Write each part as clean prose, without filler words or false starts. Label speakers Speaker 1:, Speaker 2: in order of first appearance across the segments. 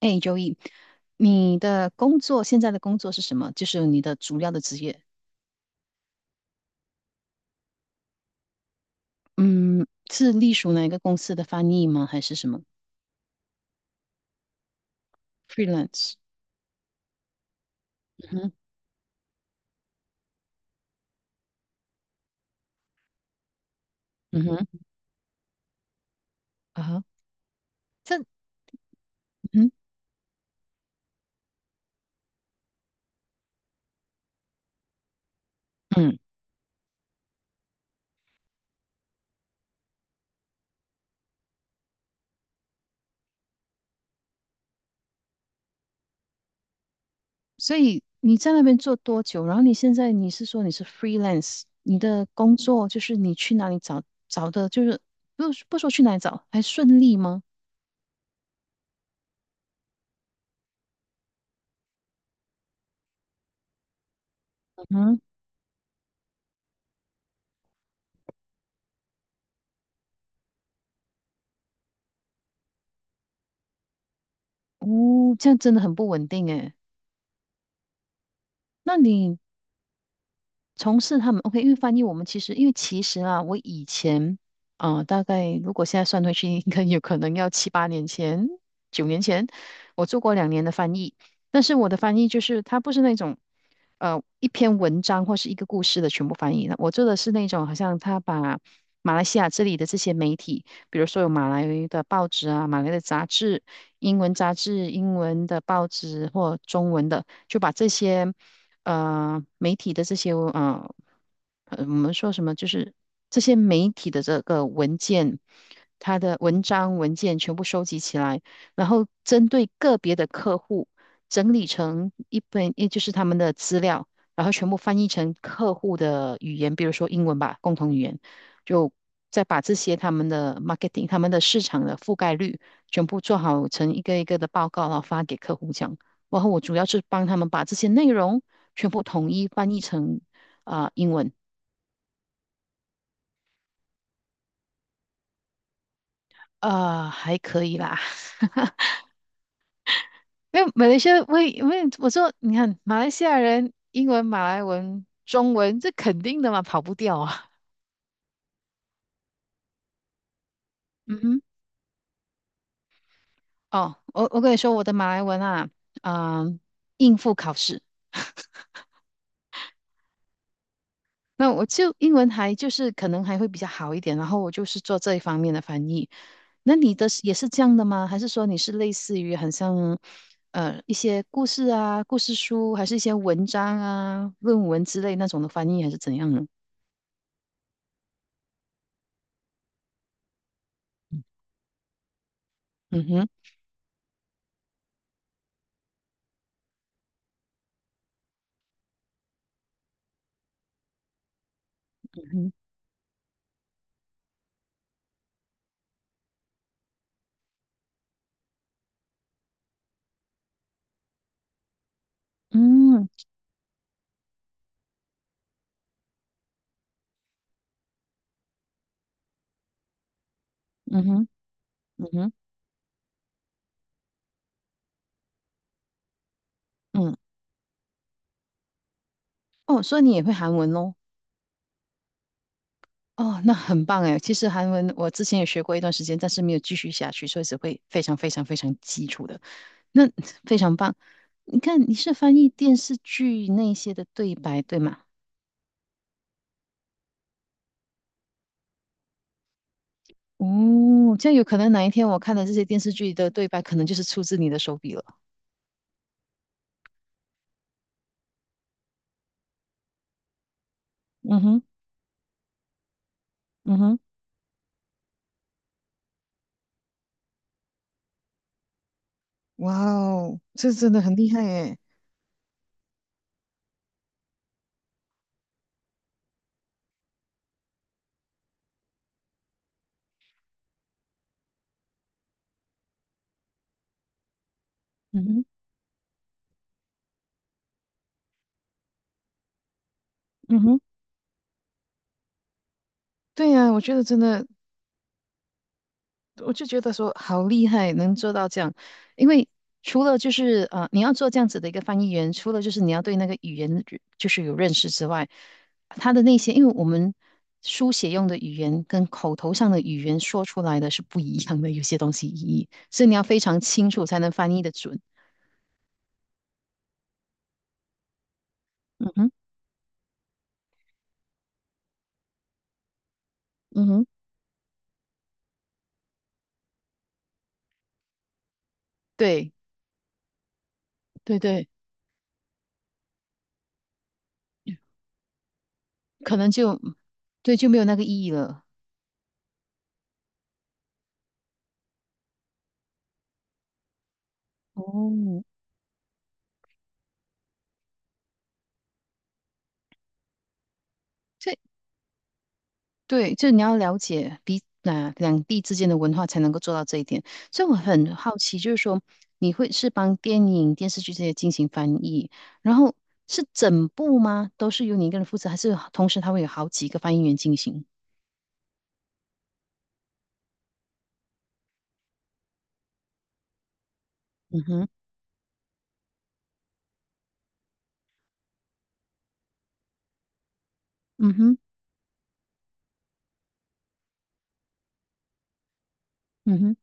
Speaker 1: 哎，Joey，你的工作现在的工作是什么？就是你的主要的职业。嗯，是隶属哪一个公司的翻译吗？还是什么 freelance？嗯哼，嗯哼，啊哈，这，嗯哼嗯哼啊哈这嗯嗯。所以你在那边做多久？然后你现在你是 freelance，你的工作就是你去哪里找找的，就是不不说去哪里找，还顺利吗？嗯哼。哦，这样真的很不稳定诶。那你从事他们 OK，因为翻译我们其实，因为其实啊，我以前大概如果现在算回去，应该有可能要7-8年前、9年前，我做过2年的翻译。但是我的翻译就是它不是那种一篇文章或是一个故事的全部翻译的，我做的是那种好像他把马来西亚这里的这些媒体，比如说有马来的报纸啊、马来的杂志、英文杂志、英文的报纸或中文的，就把这些。媒体的这些我们说什么就是这些媒体的这个文件，它的文章文件全部收集起来，然后针对个别的客户整理成一本，也就是他们的资料，然后全部翻译成客户的语言，比如说英文吧，共同语言，就再把这些他们的 marketing、他们的市场的覆盖率全部做好成一个一个的报告，然后发给客户这样。然后我主要是帮他们把这些内容全部统一翻译成英文。还可以啦。因为马来西亚，因为我说，你看马来西亚人英文、马来文、中文，这肯定的嘛，跑不掉啊。嗯哼。哦，我跟你说，我的马来文啊，啊、应付考试。那我就英文还就是可能还会比较好一点，然后我就是做这一方面的翻译。那你的是也是这样的吗？还是说你是类似于很像一些故事啊、故事书，还是一些文章啊、论文之类那种的翻译，还是怎样呢？嗯哼，嗯哼，嗯嗯哼，嗯哼，嗯。哦，所以你也会韩文喽？哦，那很棒哎。其实韩文我之前也学过一段时间，但是没有继续下去，所以只会非常非常非常基础的。那非常棒。你看，你是翻译电视剧那些的对白，对吗？哦，这样有可能哪一天我看的这些电视剧的对白，可能就是出自你的手笔了。嗯哼。嗯哼。哇哦，这真的很厉害耶。嗯哼，嗯哼。对呀，我觉得真的我就觉得说好厉害，能做到这样。因为除了就是啊，你要做这样子的一个翻译员，除了就是你要对那个语言就是有认识之外，他的那些，因为我们书写用的语言跟口头上的语言说出来的是不一样的，有些东西意义，所以你要非常清楚才能翻译的准。嗯哼，嗯哼，对对对，可能就对就没有那个意义了。哦，这对，就是你要了解两地之间的文化，才能够做到这一点。所以我很好奇，就是说你会是帮电影、电视剧这些进行翻译，然后是整部吗？都是由你一个人负责，还是同时他会有好几个翻译员进行？嗯哼，嗯哼，嗯哼。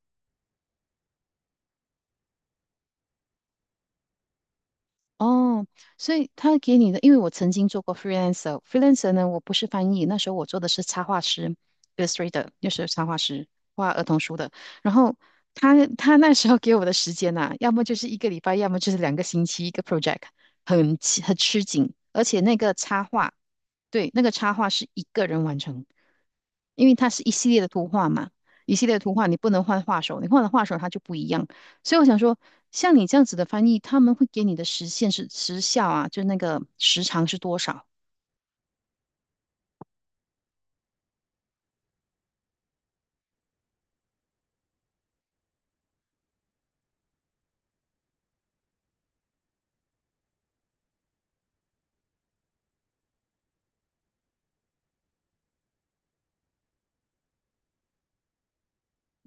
Speaker 1: 哦，所以他给你的，因为我曾经做过 freelancer，freelancer 呢，我不是翻译，那时候我做的是插画师，illustrator，就是插画师，画儿童书的。然后他那时候给我的时间呐、要么就是一个礼拜，要么就是2个星期一个 project，很吃紧，而且那个插画对，那个插画是一个人完成，因为它是一系列的图画嘛，一系列的图画你不能换画手，你换了画手它就不一样。所以我想说，像你这样子的翻译，他们会给你的时限是时效啊，就那个时长是多少？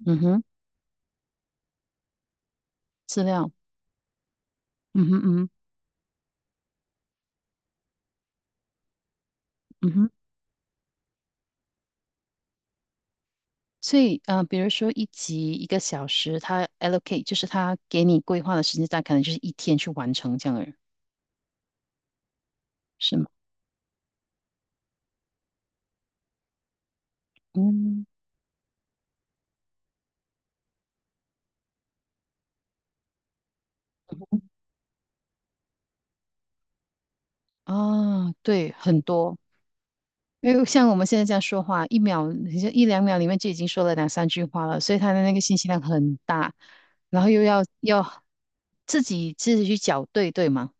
Speaker 1: 嗯哼。资料。嗯哼嗯哼嗯哼。所以，比如说一集一个小时，他 allocate 就是他给你规划的时间，大概可能就是一天去完成这样的，人，是吗？嗯，啊，对，很多。因为像我们现在这样说话，1秒，你就1-2秒里面就已经说了2-3句话了，所以他的那个信息量很大，然后又要自己去校对，对吗？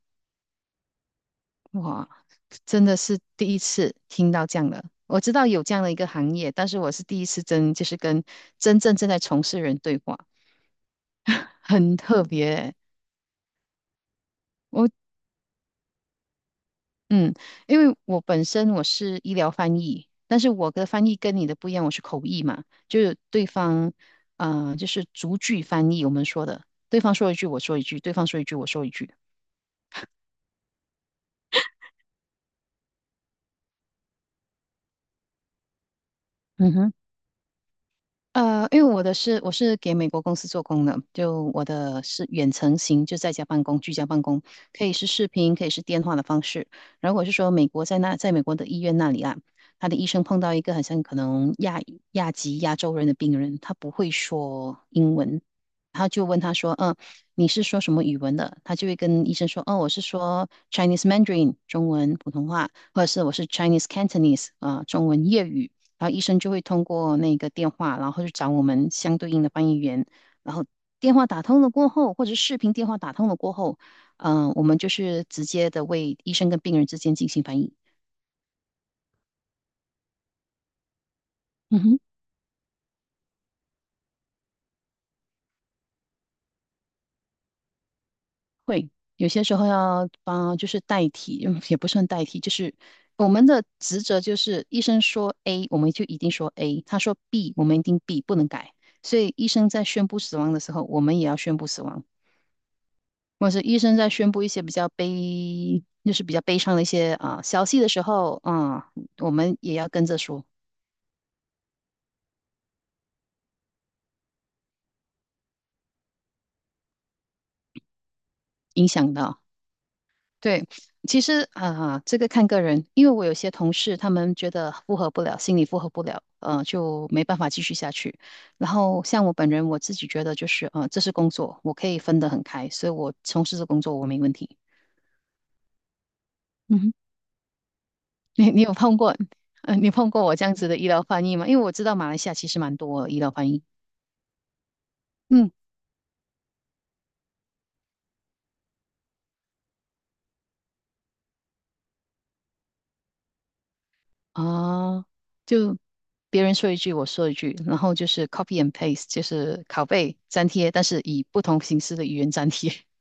Speaker 1: 哇，真的是第一次听到这样的。我知道有这样的一个行业，但是我是第一次真就是跟真正正在从事人对话。很特别欸。我嗯，因为我本身我是医疗翻译，但是我的翻译跟你的不一样，我是口译嘛，就是对方，就是逐句翻译，我们说的，对方说一句我说一句，对方说一句我说一句。嗯哼。因为我是给美国公司做工的，就我的是远程型，就在家办公、居家办公，可以是视频，可以是电话的方式。然后我是说，美国在那，在美国的医院那里啊，他的医生碰到一个好像可能亚裔亚籍亚洲人的病人，他不会说英文，他就问他说，你是说什么语文的？他就会跟医生说，哦，我是说 Chinese Mandarin 中文普通话，或者是我是 Chinese Cantonese 中文粤语。然后医生就会通过那个电话，然后去找我们相对应的翻译员，然后电话打通了过后，或者是视频电话打通了过后，我们就是直接的为医生跟病人之间进行翻译。嗯哼。会有些时候要帮，就是代替，嗯也不算代替，就是我们的职责就是医生说 A，我们就一定说 A；他说 B，我们一定 B，不能改。所以医生在宣布死亡的时候，我们也要宣布死亡。或者是医生在宣布一些比较悲，就是比较悲伤的一些消息的时候，我们也要跟着说，影响到。对，其实这个看个人，因为我有些同事他们觉得负荷不了，心理负荷不了，就没办法继续下去。然后像我本人，我自己觉得就是，这是工作，我可以分得很开，所以我从事这工作我没问题。嗯哼。你有碰过，你碰过我这样子的医疗翻译吗？因为我知道马来西亚其实蛮多医疗翻译。嗯啊，就别人说一句，我说一句，然后就是 copy and paste，就是拷贝粘贴，但是以不同形式的语言粘贴。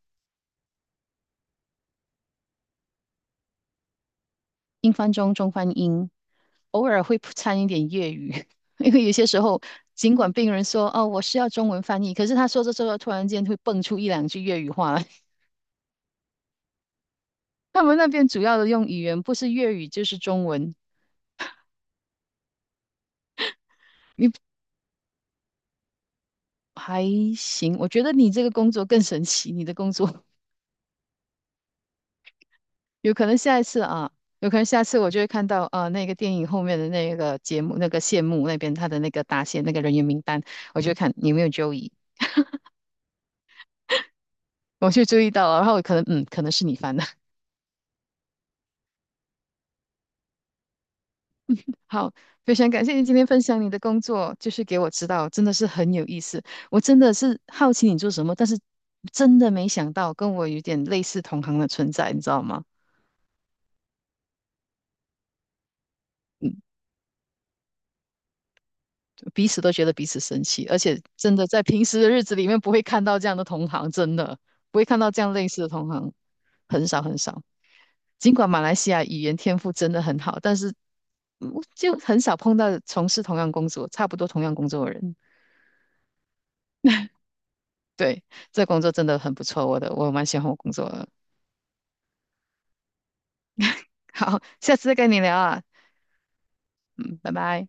Speaker 1: 英翻中，中翻英，偶尔会掺一点粤语。因为有些时候，尽管病人说哦我是要中文翻译，可是他说着说着，突然间会蹦出1-2句粤语话来。他们那边主要的用语言不是粤语就是中文。还行。我觉得你这个工作更神奇，你的工作有可能下一次啊，有可能下次我就会看到那个电影后面的那个节目那个谢幕那边他的那个答谢那个人员名单，我就会看有没有 Joey，我就注意到了，然后我可能可能是你翻的。好，非常感谢你今天分享你的工作，就是给我知道，真的是很有意思。我真的是好奇你做什么，但是真的没想到跟我有点类似同行的存在，你知道吗？彼此都觉得彼此神奇，而且真的在平时的日子里面不会看到这样的同行，真的不会看到这样类似的同行，很少很少。尽管马来西亚语言天赋真的很好，但是就很少碰到从事同样工作、差不多同样工作的人。对，这工作真的很不错，我蛮喜欢我工作的。好，下次再跟你聊啊。嗯，拜拜。